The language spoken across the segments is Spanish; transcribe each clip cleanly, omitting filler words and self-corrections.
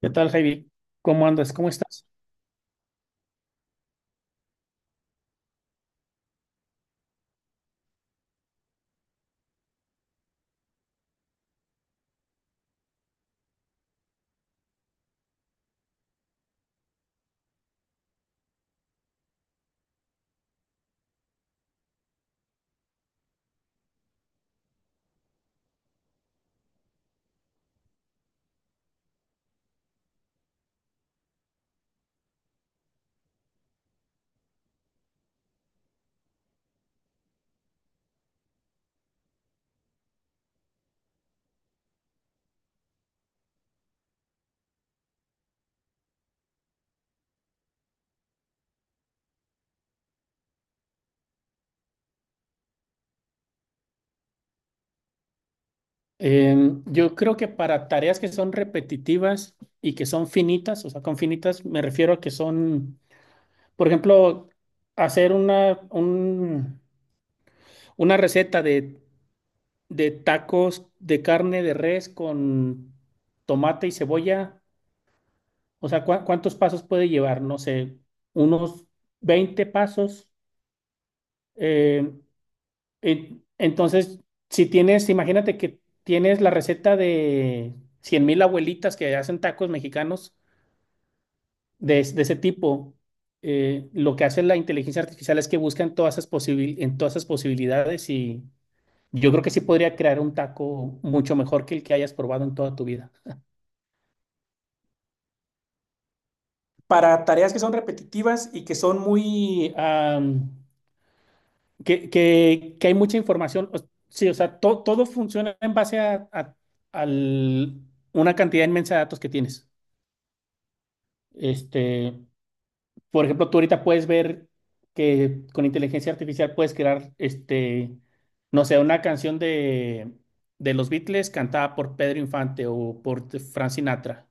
¿Qué tal, Heidi? ¿Cómo andas? ¿Cómo estás? Yo creo que para tareas que son repetitivas y que son finitas, o sea, con finitas me refiero a que son, por ejemplo, hacer una receta de tacos de carne de res con tomate y cebolla. O sea, ¿cuántos pasos puede llevar? No sé, unos 20 pasos. Em, Entonces, si tienes, imagínate que tienes la receta de 100.000 abuelitas que hacen tacos mexicanos de ese tipo, lo que hace la inteligencia artificial es que buscan en todas esas posibilidades y yo creo que sí podría crear un taco mucho mejor que el que hayas probado en toda tu vida. Para tareas que son repetitivas y que son que hay mucha información. Sí, o sea, todo funciona en base al- una cantidad inmensa de datos que tienes. Este, por ejemplo, tú ahorita puedes ver que con inteligencia artificial puedes crear, este, no sé, una canción de los Beatles cantada por Pedro Infante o por Frank Sinatra.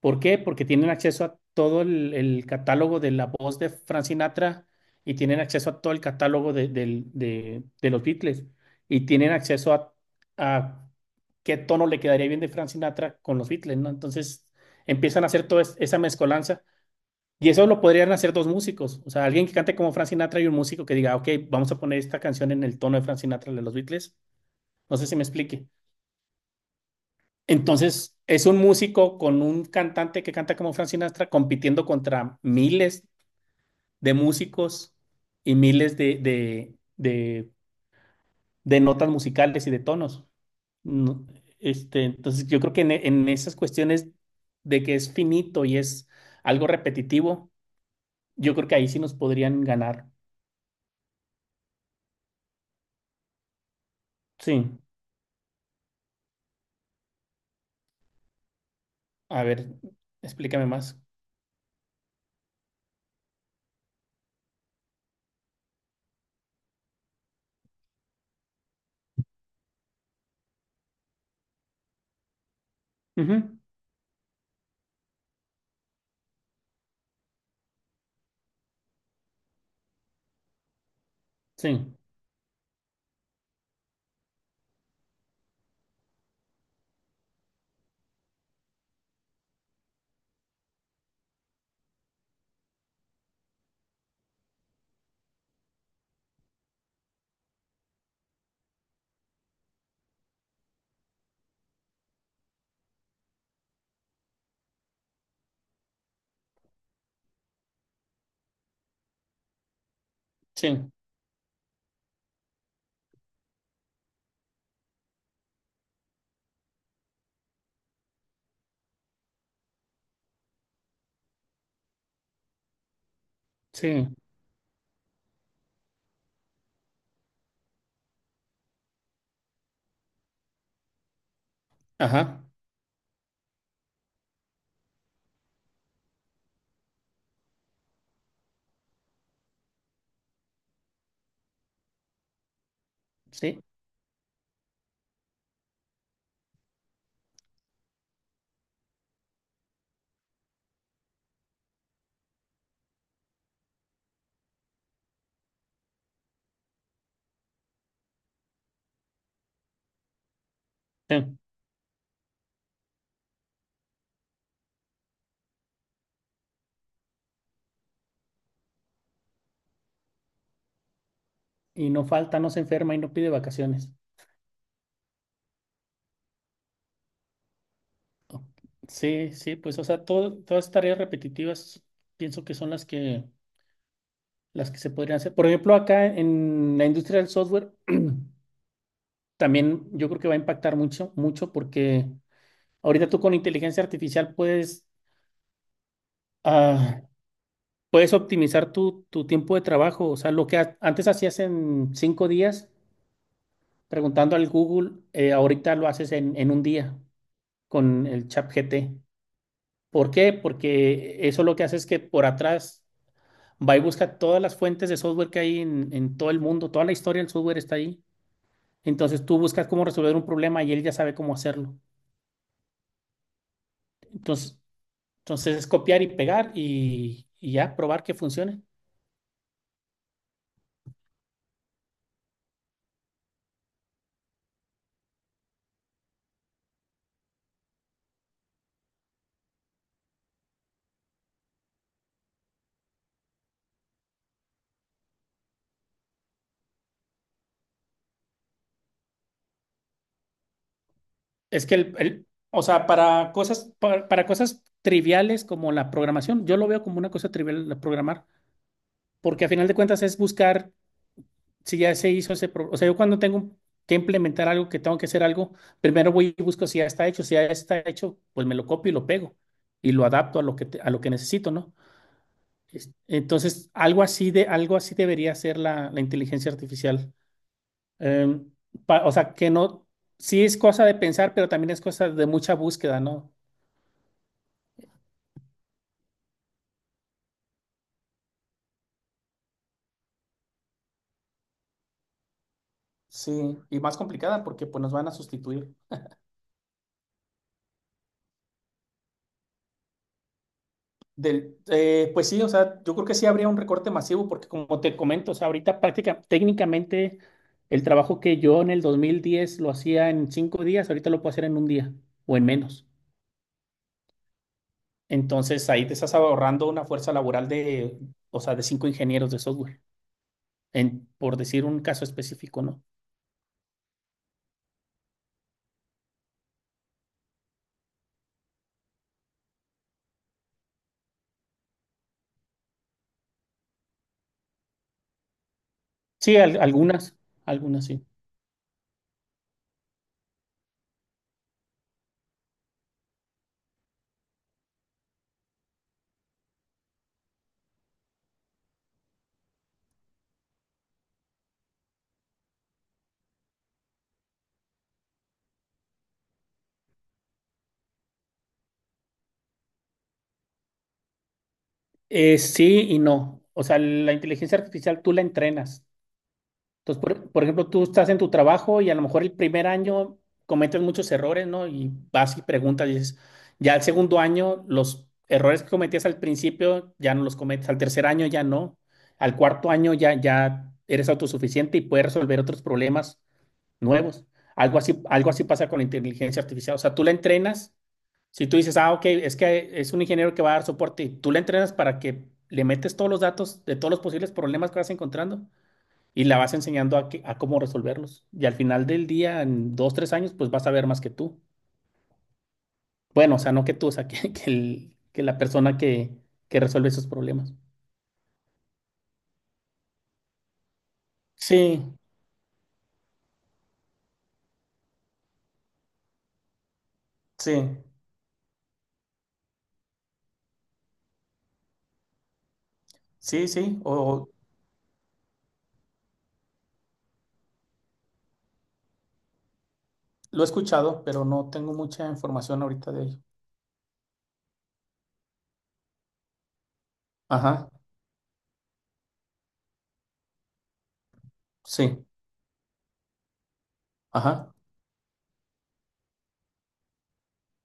¿Por qué? Porque tienen acceso a todo el catálogo de la voz de Frank Sinatra y tienen acceso a todo el catálogo de los Beatles y tienen acceso a qué tono le quedaría bien de Frank Sinatra con los Beatles, ¿no? Entonces empiezan a hacer esa mezcolanza y eso lo podrían hacer dos músicos, o sea, alguien que cante como Frank Sinatra y un músico que diga, ok, vamos a poner esta canción en el tono de Frank Sinatra de los Beatles. No sé si me explique. Entonces, es un músico con un cantante que canta como Frank Sinatra compitiendo contra miles de músicos y miles de notas musicales y de tonos. No, este, entonces, yo creo que en esas cuestiones de que es finito y es algo repetitivo, yo creo que ahí sí nos podrían ganar. Sí, a ver, explícame más. Ujú. Sí, sí, sí, ajá, sí, sí. Y no falta, no se enferma y no pide vacaciones. O- Sí, sí, pues, o sea, todo, todas estas tareas repetitivas pienso que son las que se podrían hacer. Por ejemplo, acá en la industria del software también yo creo que va a impactar mucho, mucho porque ahorita tú con inteligencia artificial puedes, ah, puedes optimizar tu tiempo de trabajo. O sea, lo que antes hacías en 5 días preguntando al Google, ahorita lo haces en un día con el Chat G T. ¿Por qué? Porque eso lo que hace es que por atrás va y busca todas las fuentes de software que hay en todo el mundo, toda la historia del software está ahí. Entonces tú buscas cómo resolver un problema y él ya sabe cómo hacerlo. Entonces, entonces es copiar y pegar y ya probar que funcione. Es que o sea, para cosas triviales como la programación, yo lo veo como una cosa trivial la programar, porque a final de cuentas es buscar si ya se hizo o sea, yo cuando tengo que implementar algo, que tengo que hacer algo, primero voy y busco si ya está hecho, si ya está hecho, pues me lo copio y lo pego y lo adapto a lo que a lo que necesito, ¿no? Entonces, algo así debería ser la inteligencia artificial. Em, o sea, que no, sí es cosa de pensar, pero también es cosa de mucha búsqueda, ¿no? Sí, y más complicada porque pues nos van a sustituir. Pues sí, o sea, yo creo que sí habría un recorte masivo porque como te comento, o sea, ahorita práctica, técnicamente el trabajo que yo en el 2010 lo hacía en 5 días, ahorita lo puedo hacer en un día o en menos. Entonces ahí te estás ahorrando una fuerza laboral de, o sea, de cinco ingenieros de software, en, por decir un caso específico, ¿no? Sí, algunas sí. Sí y no. O sea, la inteligencia artificial tú la entrenas. Entonces, por ejemplo, tú estás en tu trabajo y a lo mejor el primer año cometes muchos errores, ¿no? Y vas y preguntas y dices, ya el segundo año, los errores que cometías al principio ya no los cometes, al tercer año ya no, al cuarto año ya, ya eres autosuficiente y puedes resolver otros problemas nuevos. Algo así pasa con la inteligencia artificial. O sea, tú la entrenas, si tú dices, ah, ok, es que es un ingeniero que va a dar soporte, y tú la entrenas para que le metes todos los datos de todos los posibles problemas que vas encontrando y la vas enseñando a, a cómo resolverlos. Y al final del día, en dos, tres años, pues vas a ver más que tú. Bueno, o sea, no que tú, o sea, que la persona que resuelve esos problemas. Sí, sí, sí, sí, o lo he escuchado, pero no tengo mucha información ahorita de ello. Ajá, sí, ajá.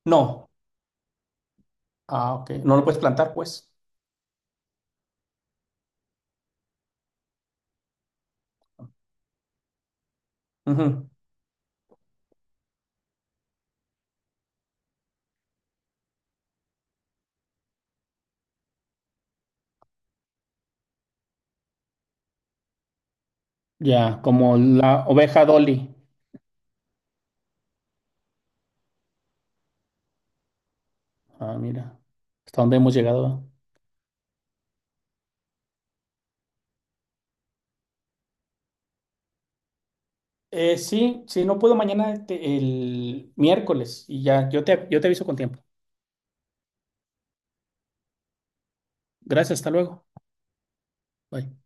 No, ah, ok, no lo puedes plantar, pues. Ujú. Ya, como la oveja Dolly. Ah, mira, hasta dónde hemos llegado. Sí, si no puedo mañana, el miércoles y ya, yo te aviso con tiempo. Gracias, hasta luego. Bye.